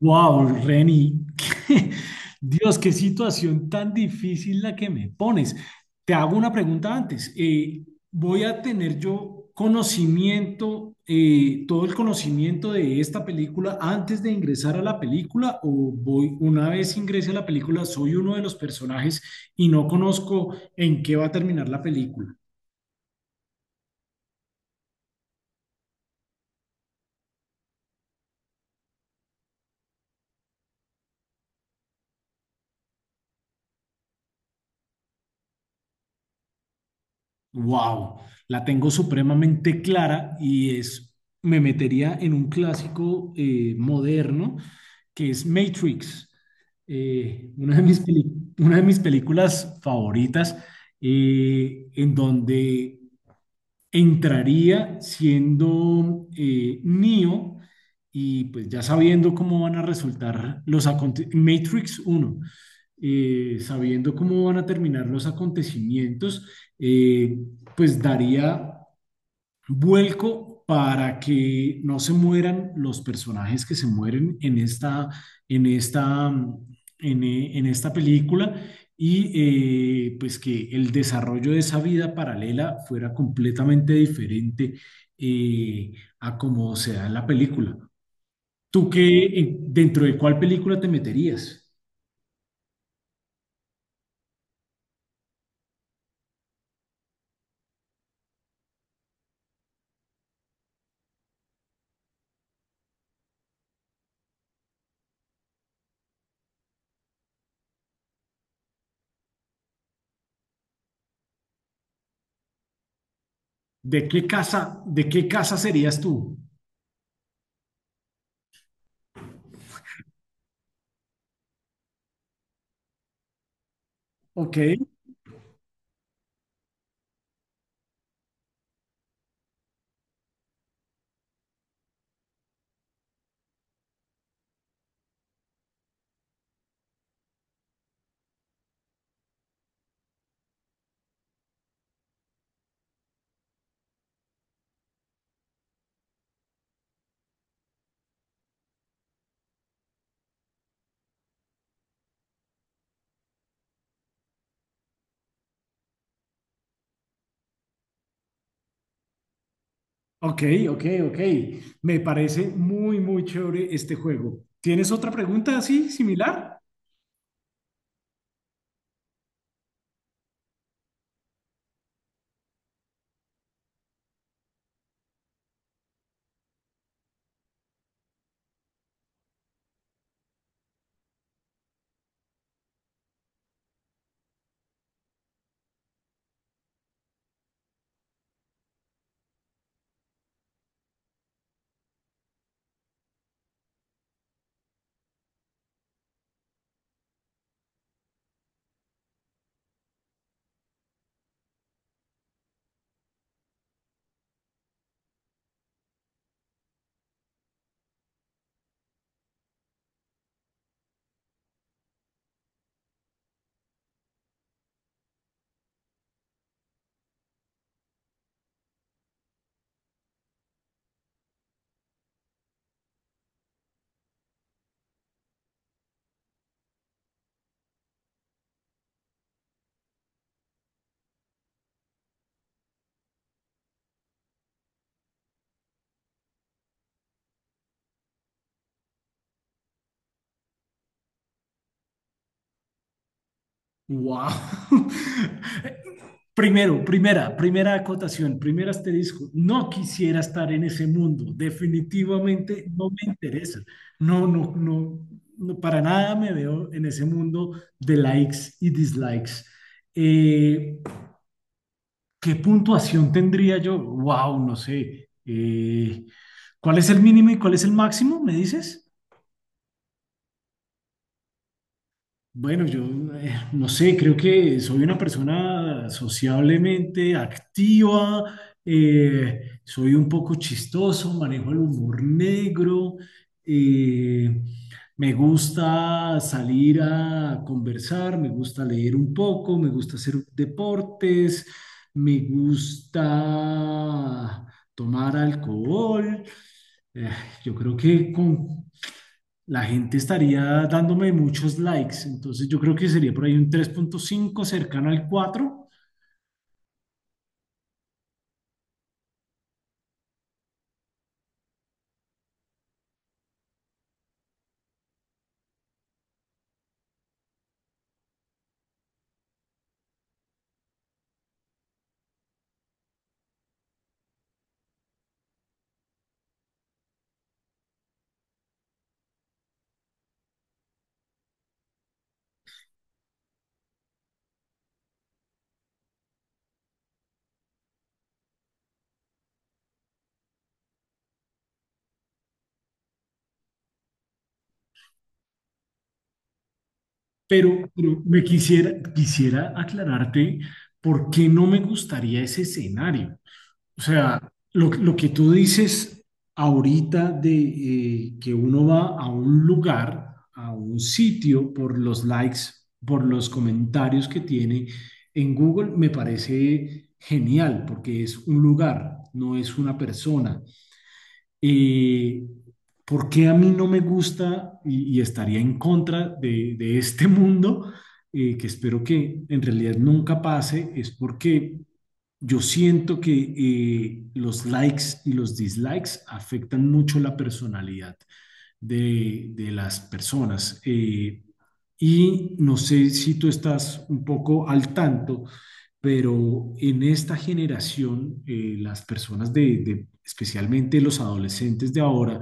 Wow, Reni, Dios, qué situación tan difícil la que me pones. Te hago una pregunta antes. ¿Voy a tener yo conocimiento, todo el conocimiento de esta película antes de ingresar a la película? ¿O voy, una vez ingrese a la película, soy uno de los personajes y no conozco en qué va a terminar la película? Wow, la tengo supremamente clara y es, me metería en un clásico moderno que es Matrix, eh, una de mis peli- una de mis películas favoritas, en donde entraría siendo Neo y pues ya sabiendo cómo van a Matrix 1 sabiendo cómo van a terminar los acontecimientos, eh, pues daría vuelco para que no se mueran los personajes que se mueren en esta, en esta, en esta película y pues que el desarrollo de esa vida paralela fuera completamente diferente eh, a como se da en la película. ¿Tú qué, dentro de cuál película te meterías? De qué casa serías tú? Ok. Ok, ok, ok. Me parece muy, muy chévere este juego. ¿Tienes otra pregunta así, similar? ¡Wow! Primero, primera acotación, primer asterisco. No quisiera estar en ese mundo. Definitivamente no me interesa. No, no, no, no, para nada me veo en ese mundo de likes y dislikes. Eh, ¿Qué puntuación tendría yo? Wow, no sé. ¿Cuál es el mínimo y cuál es el máximo? ¿Me dices? Bueno, yo no sé, creo que soy una persona sociablemente activa, soy un poco chistoso, manejo el humor negro, eh, me gusta salir a conversar, me gusta leer un poco, me gusta hacer deportes, me gusta tomar alcohol. Eh, yo creo que con la gente estaría dándome muchos likes. Entonces yo creo que sería por ahí un 3,5 cercano al 4. Pero, me quisiera aclararte por qué no me gustaría ese escenario. O sea, lo que tú dices ahorita de que uno va a un lugar, a un sitio por los likes, por los comentarios que tiene en Google, me parece genial porque es un lugar, no es una persona. Eh, ¿Por qué a mí no me gusta y estaría en contra de este mundo? Que espero que en realidad nunca pase, es porque yo siento que los likes y los dislikes afectan mucho la personalidad de las personas. Y no sé si tú estás un poco al tanto pero en esta generación, las personas especialmente los adolescentes de ahora,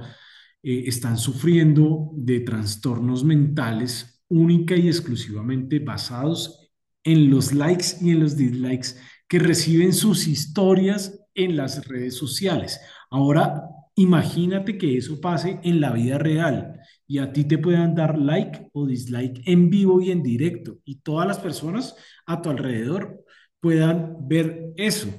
están sufriendo de trastornos mentales única y exclusivamente basados en los likes y en los dislikes que reciben sus historias en las redes sociales. Ahora, imagínate que eso pase en la vida real y a ti te puedan dar like o dislike en vivo y en directo y todas las personas a tu alrededor puedan ver eso.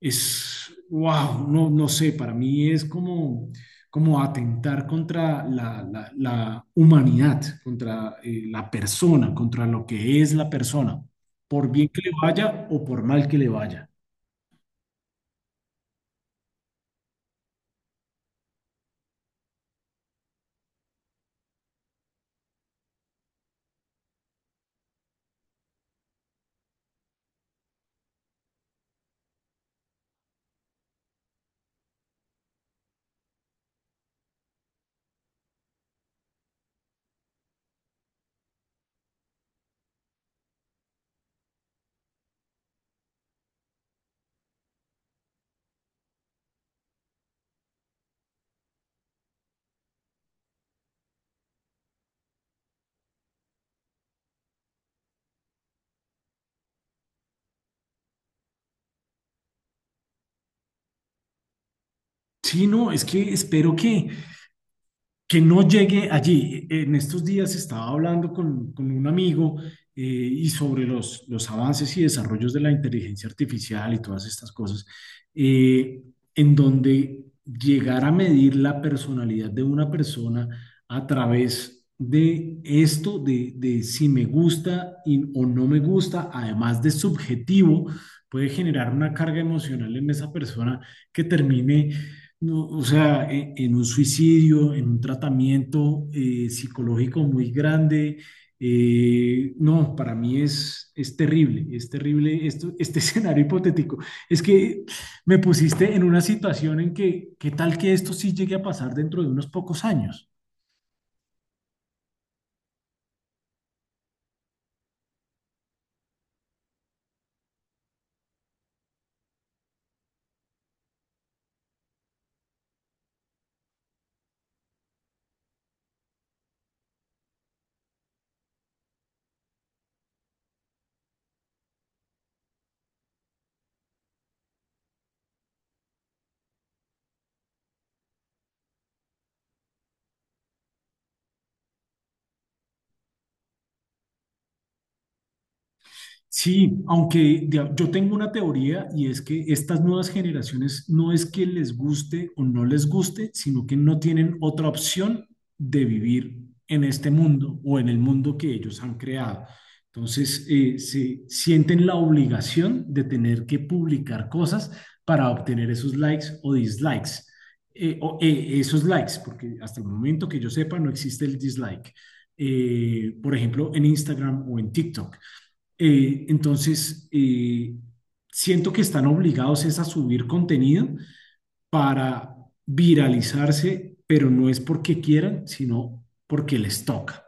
Es, wow, no, no sé, para mí es como, como atentar contra la humanidad, contra la persona, contra lo que es la persona, por bien que le vaya o por mal que le vaya. Sí, no, es que espero que no llegue allí. En estos días estaba hablando con un amigo y sobre los avances y desarrollos de la inteligencia artificial y todas estas cosas, eh, en donde llegar a medir la personalidad de una persona a través de esto, de si me gusta o no me gusta, además de subjetivo, puede generar una carga emocional en esa persona que termine no, o sea, un suicidio, en un tratamiento psicológico muy grande, no, para mí es terrible esto, este escenario hipotético. Es que me pusiste en una situación en que, ¿qué tal que esto sí llegue a pasar dentro de unos pocos años? Sí, aunque yo tengo una teoría y es que estas nuevas generaciones no es que les guste o no les guste, sino que no tienen otra opción de vivir en este mundo o en el mundo que ellos han creado. Entonces, se sienten la obligación de tener que publicar cosas para obtener esos likes o dislikes. Esos likes, porque hasta el momento que yo sepa no existe el dislike por ejemplo, en Instagram o en TikTok. Eh, entonces, eh, siento que están obligados es a subir contenido para viralizarse, pero no es porque quieran, sino porque les toca.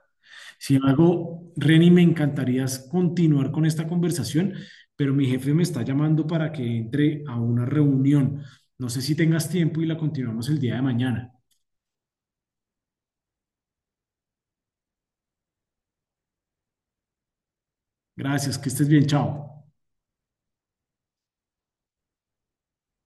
Sin embargo, Reni, me encantaría continuar con esta conversación, pero mi jefe me está llamando para que entre a una reunión. No sé si tengas tiempo y la continuamos el día de mañana. Gracias, que estés bien, chao.